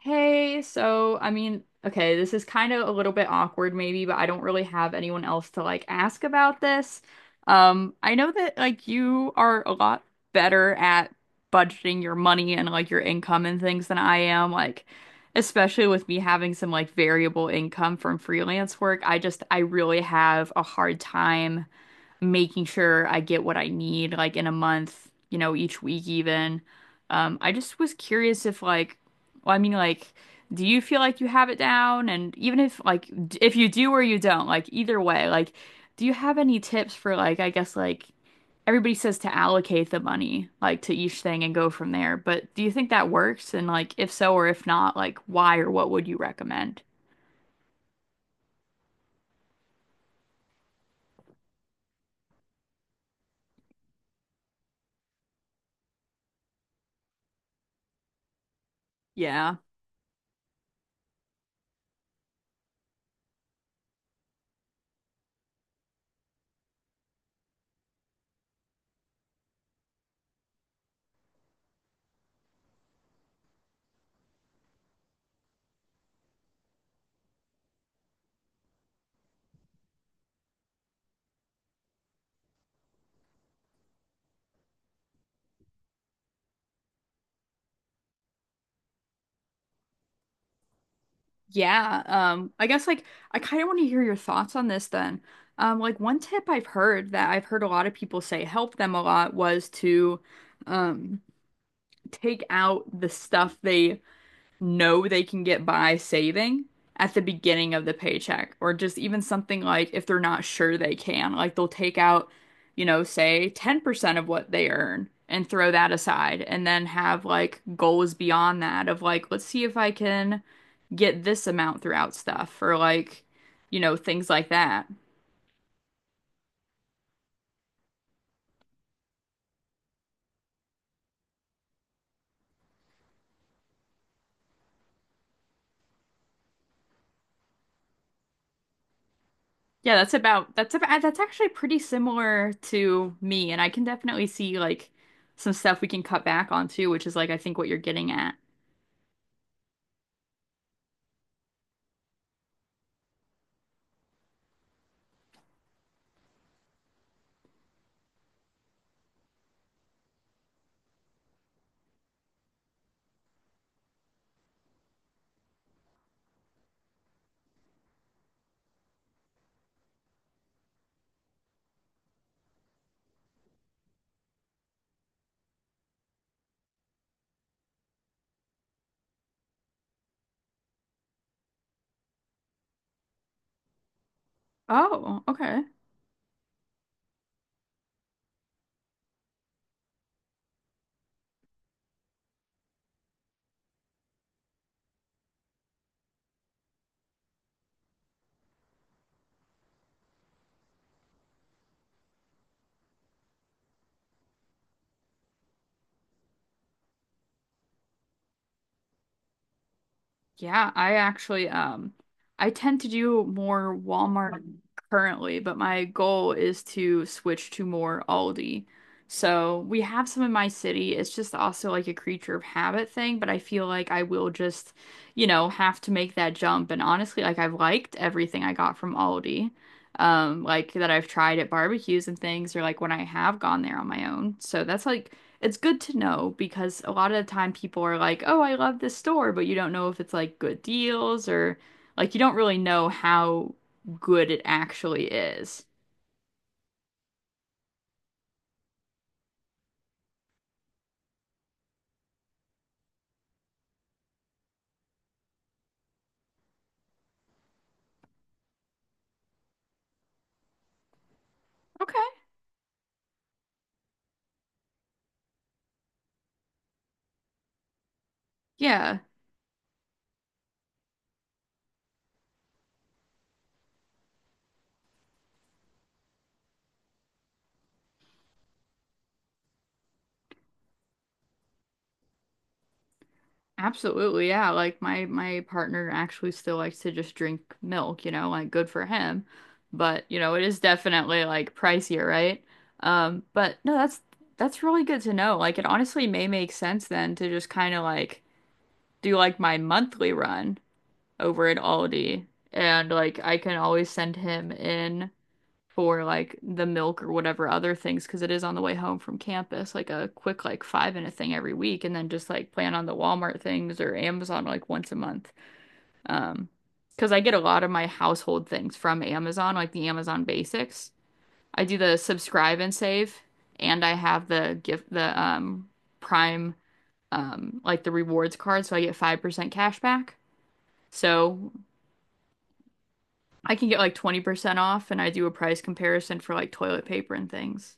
Hey, so this is kind of a little bit awkward maybe, but I don't really have anyone else to like ask about this. I know that like you are a lot better at budgeting your money and like your income and things than I am, like especially with me having some like variable income from freelance work. I really have a hard time making sure I get what I need, like in a month, you know, each week even. I just was curious if like, well, I mean, like, do you feel like you have it down? And even if like, if you do or you don't, like either way, like, do you have any tips for like, I guess like everybody says to allocate the money like to each thing and go from there, but do you think that works? And like, if so or if not, like, why or what would you recommend? Yeah. Yeah, I guess like I kind of want to hear your thoughts on this then. Like one tip I've heard a lot of people say helped them a lot was to um take out the stuff they know they can get by saving at the beginning of the paycheck, or just even something like if they're not sure they can, like they'll take out, you know, say 10% of what they earn and throw that aside, and then have like goals beyond that of like, let's see if I can get this amount throughout stuff, or like, you know, things like that. That's actually pretty similar to me, and I can definitely see like some stuff we can cut back on too, which is like I think what you're getting at. Oh, okay. Yeah, I actually I tend to do more Walmart currently, but my goal is to switch to more Aldi. So we have some in my city. It's just also like a creature of habit thing, but I feel like I will just, you know, have to make that jump. And honestly, like I've liked everything I got from Aldi. Like that I've tried at barbecues and things, or like when I have gone there on my own. So that's like it's good to know, because a lot of the time people are like, "Oh, I love this store," but you don't know if it's like good deals or like you don't really know how good it actually is. Okay. Yeah, absolutely. Yeah, like my partner actually still likes to just drink milk, you know, like good for him. But, you know, it is definitely like pricier, right? But no, that's really good to know. Like it honestly may make sense then to just kind of like do like my monthly run over at Aldi, and like I can always send him in for like the milk or whatever other things, because it is on the way home from campus like a quick like 5 minute thing every week, and then just like plan on the Walmart things or Amazon like once a month, um because I get a lot of my household things from Amazon like the Amazon basics. I do the subscribe and save, and I have the gift the Prime like the rewards card, so I get 5% cash back, so I can get like 20% off, and I do a price comparison for like toilet paper and things.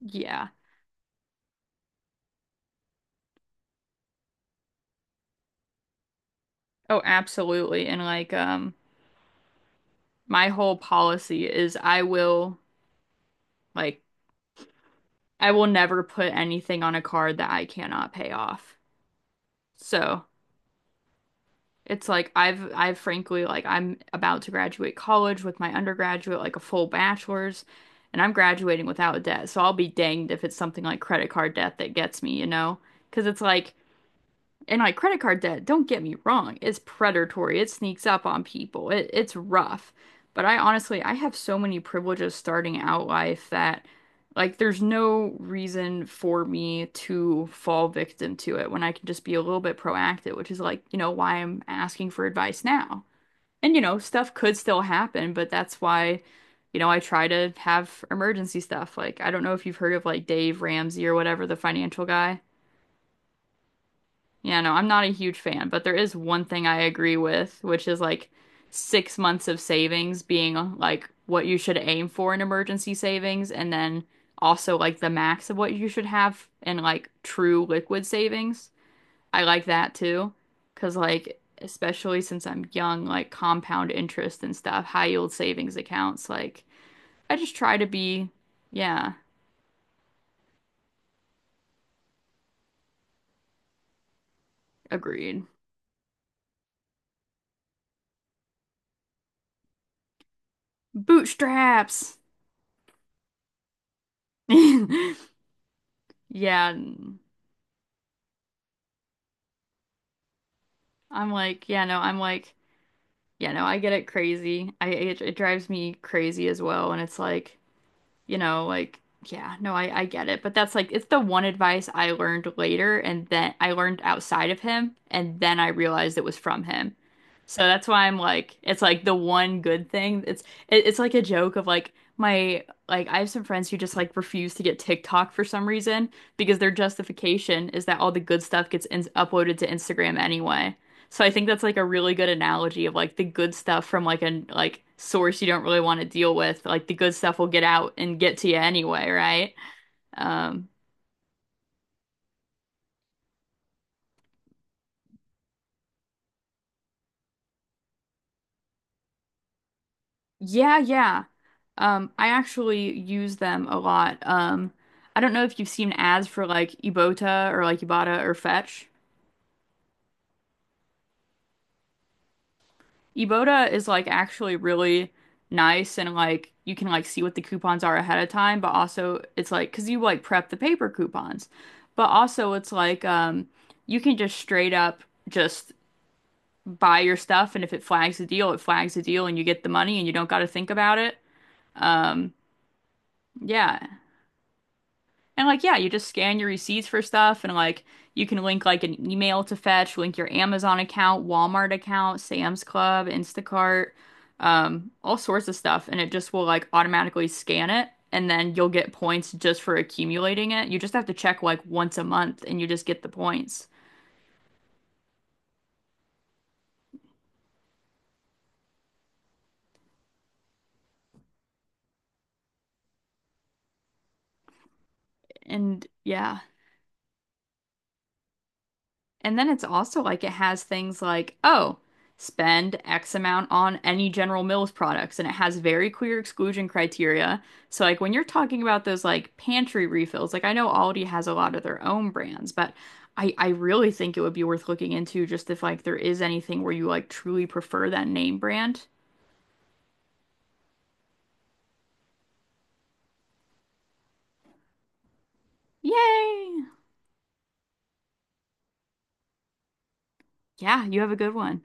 Yeah. Oh, absolutely. And like my whole policy is I will like I will never put anything on a card that I cannot pay off. So, it's like I've frankly like I'm about to graduate college with my undergraduate like a full bachelor's, and I'm graduating without debt. So I'll be danged if it's something like credit card debt that gets me, you know? 'Cause it's like and like credit card debt, don't get me wrong, it's predatory. It sneaks up on people. It's rough. But I honestly, I have so many privileges starting out life that like there's no reason for me to fall victim to it when I can just be a little bit proactive, which is like, you know, why I'm asking for advice now. And you know, stuff could still happen, but that's why, you know, I try to have emergency stuff. Like, I don't know if you've heard of like Dave Ramsey or whatever, the financial guy. Yeah, no, I'm not a huge fan, but there is one thing I agree with, which is like 6 months of savings being like what you should aim for in emergency savings, and then also like the max of what you should have in like true liquid savings. I like that too, because like especially since I'm young, like compound interest and stuff, high yield savings accounts, like I just try to be, yeah, agreed. Bootstraps. Yeah. I'm like, yeah, no, I'm like, yeah, no, I get it crazy. It drives me crazy as well. And it's like, you know, like, yeah, no, I get it. But that's like, it's the one advice I learned later, and then I learned outside of him. And then I realized it was from him. So that's why I'm like, it's like the one good thing. It's like a joke of like my like I have some friends who just like refuse to get TikTok for some reason because their justification is that all the good stuff gets in uploaded to Instagram anyway. So I think that's like a really good analogy of like the good stuff from like a like source you don't really want to deal with. Like the good stuff will get out and get to you anyway, right? Um, yeah, yeah. I actually use them a lot. I don't know if you've seen ads for like Ibotta or Fetch. Eboda is like actually really nice, and like you can like see what the coupons are ahead of time, but also it's like because you like prep the paper coupons, but also it's like you can just straight up just buy your stuff, and if it flags a deal, it flags a deal and you get the money and you don't got to think about it. Um, yeah. And like, yeah, you just scan your receipts for stuff, and like you can link like an email to Fetch, link your Amazon account, Walmart account, Sam's Club, Instacart, all sorts of stuff. And it just will like automatically scan it, and then you'll get points just for accumulating it. You just have to check like once a month and you just get the points. And yeah. And then it's also like it has things like, oh, spend X amount on any General Mills products. And it has very clear exclusion criteria. So, like, when you're talking about those like pantry refills, like I know Aldi has a lot of their own brands, but I really think it would be worth looking into just if like there is anything where you like truly prefer that name brand. Yay! Yeah, you have a good one.